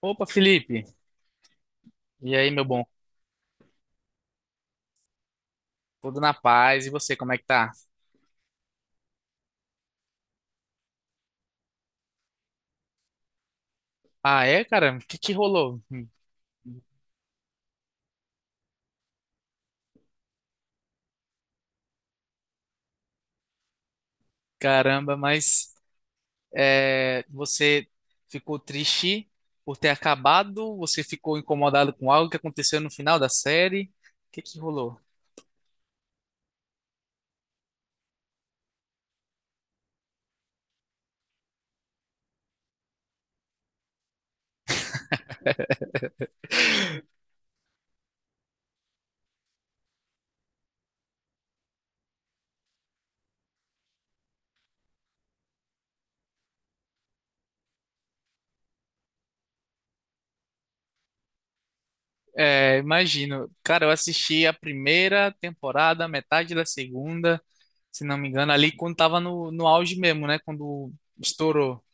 Opa, Felipe. E aí, meu bom? Tudo na paz? E você, como é que tá? Ah, é, cara? O que que rolou? Hum. Caramba, mas é, você ficou triste por ter acabado? Você ficou incomodado com algo que aconteceu no final da série? O que que rolou? É, imagino. Cara, eu assisti a primeira temporada, metade da segunda, se não me engano, ali quando tava no auge mesmo, né? Quando estourou.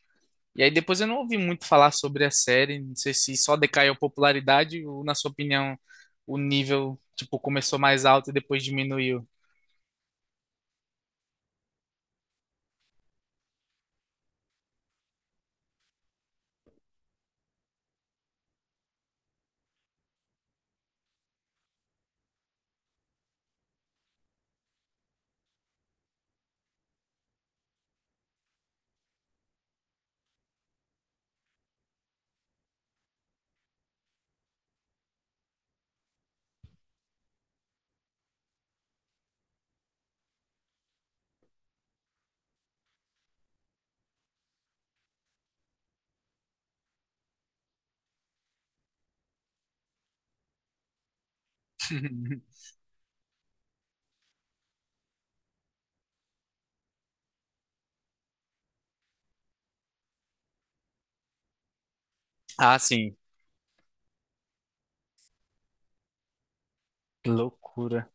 E aí depois eu não ouvi muito falar sobre a série, não sei se só decaiu a popularidade ou, na sua opinião, o nível, tipo, começou mais alto e depois diminuiu. Ah, sim, que loucura.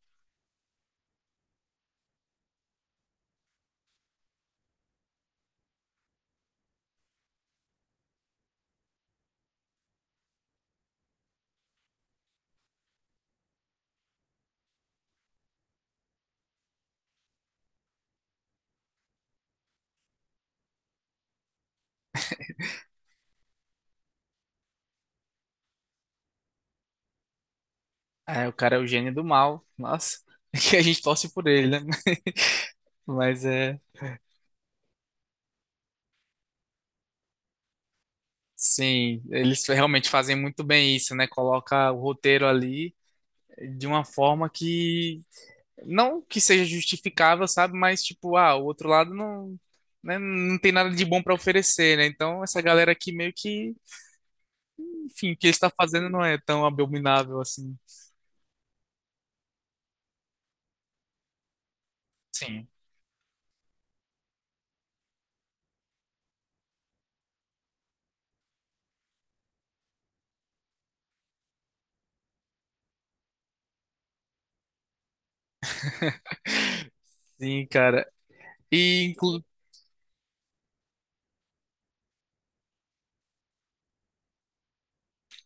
É, o cara é o gênio do mal, nossa, que a gente torce por ele, né? Mas é, sim, eles realmente fazem muito bem isso, né? Coloca o roteiro ali de uma forma que não que seja justificável, sabe? Mas, tipo, ah, o outro lado não, né, não tem nada de bom pra oferecer, né? Então, essa galera aqui meio que, enfim, o que ele está fazendo não é tão abominável assim. Sim. Sim, cara. E, inclu...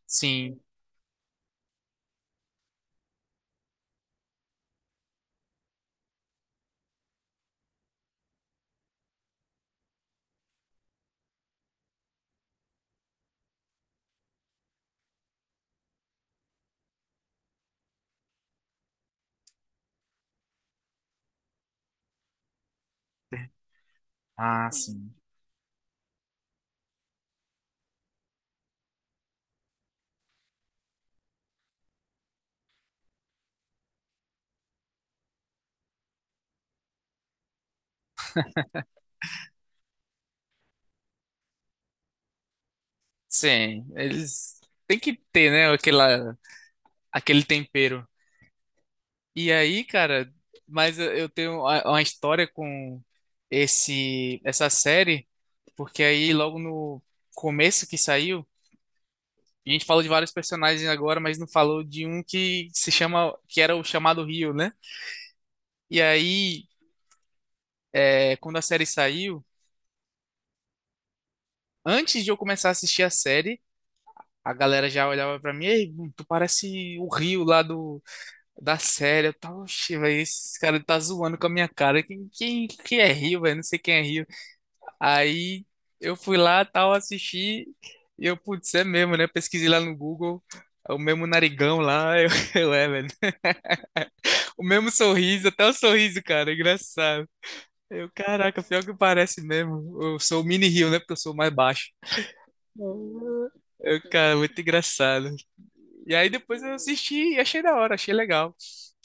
Sim. Ah, sim. Sim, eles têm que ter, né, aquela, aquele tempero. E aí, cara, mas eu tenho uma história com esse essa série, porque aí logo no começo que saiu, a gente falou de vários personagens agora, mas não falou de um que se chama, que era o chamado Rio, né? E aí, é, quando a série saiu, antes de eu começar a assistir a série, a galera já olhava pra mim, ei, tu parece o Rio lá do, da série. Eu tava, oxe, velho, esse cara tá zoando com a minha cara. Quem é Rio, velho? Não sei quem é Rio. Aí eu fui lá, tal, assisti, e eu, putz, é mesmo, né? Eu pesquisei lá no Google, é o mesmo narigão lá, eu é, velho. O mesmo sorriso, até o sorriso, cara, é engraçado. Eu, caraca, pior que parece mesmo. Eu sou o mini Rio, né? Porque eu sou mais baixo. Eu, cara, muito engraçado. E aí depois eu assisti e achei da hora, achei legal.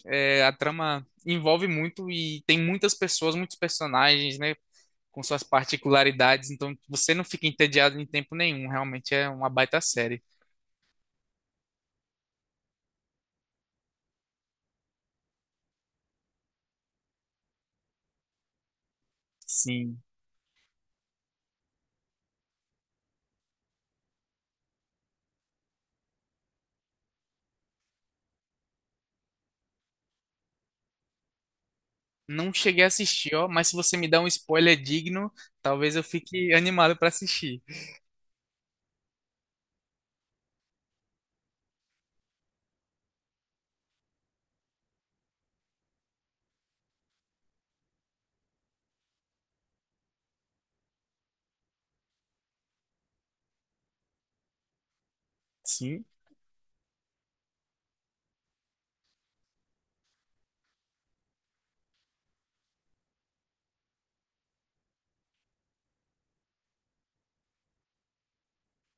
É, a trama envolve muito e tem muitas pessoas, muitos personagens, né? Com suas particularidades, então você não fica entediado em tempo nenhum, realmente é uma baita série. Sim. Não cheguei a assistir, ó, mas se você me dá um spoiler digno, talvez eu fique animado pra assistir. Sim.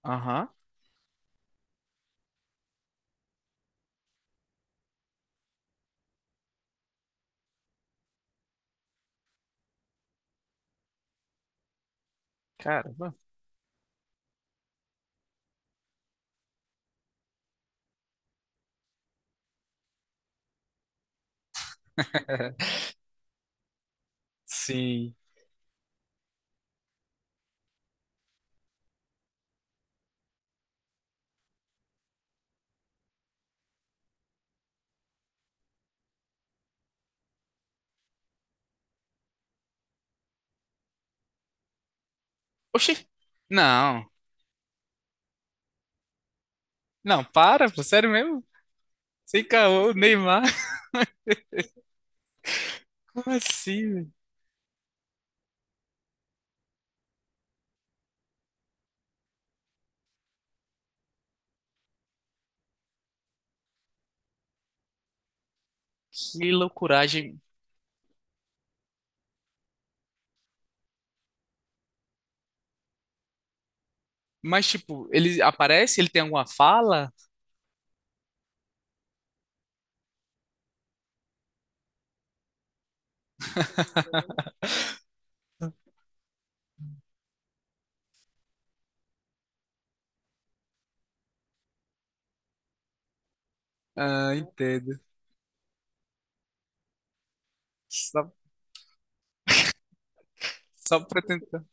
Aham. Caramba. Sim. Oxi. Não. Não, para, pô, sério mesmo? Sem caô, Neymar. Como assim? Velho? Que loucuragem. Mas, tipo, ele aparece? Ele tem alguma fala? Ah, entendo. Só, só pra tentar.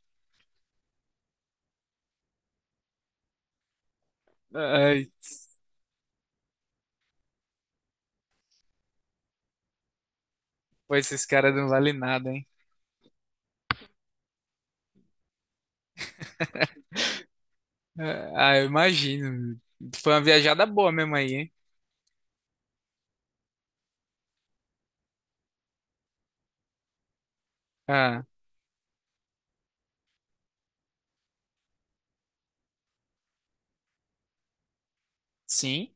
Ai. Pô, esses caras não valem nada, hein? É, ah, eu imagino. Foi uma viajada boa mesmo aí, hein? Ah, sim,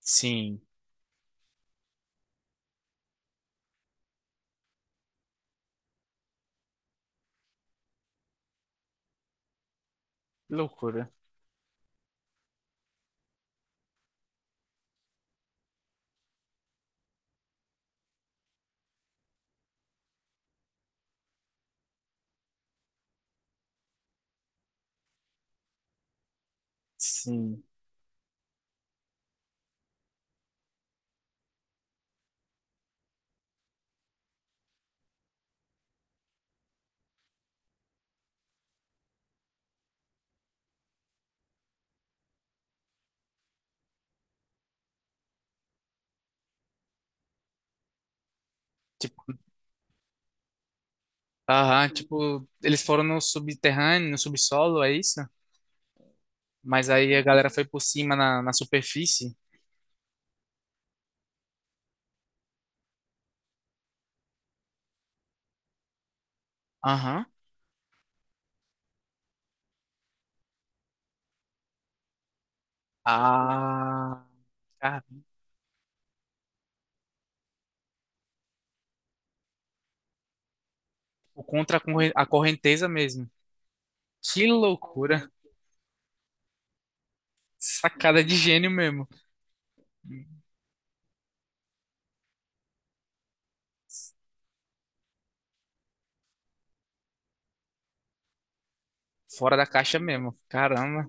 sim. Que loucura. Sim. Tipo, aham, tipo, eles foram no subterrâneo, no subsolo, é isso? Mas aí a galera foi por cima na superfície. Aham. Ah, cara, por contra a corren- a correnteza mesmo. Que loucura. Sacada de gênio mesmo. Fora da caixa mesmo. Caramba.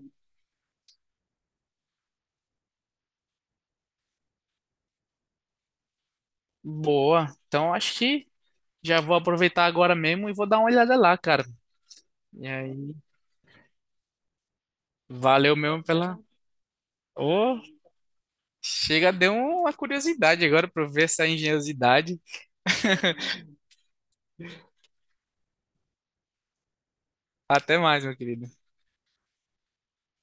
Boa. Então acho que. Já vou aproveitar agora mesmo e vou dar uma olhada lá, cara. E aí, valeu mesmo pela. Ô, chega, deu uma curiosidade agora pra eu ver essa engenhosidade. Até mais, meu querido.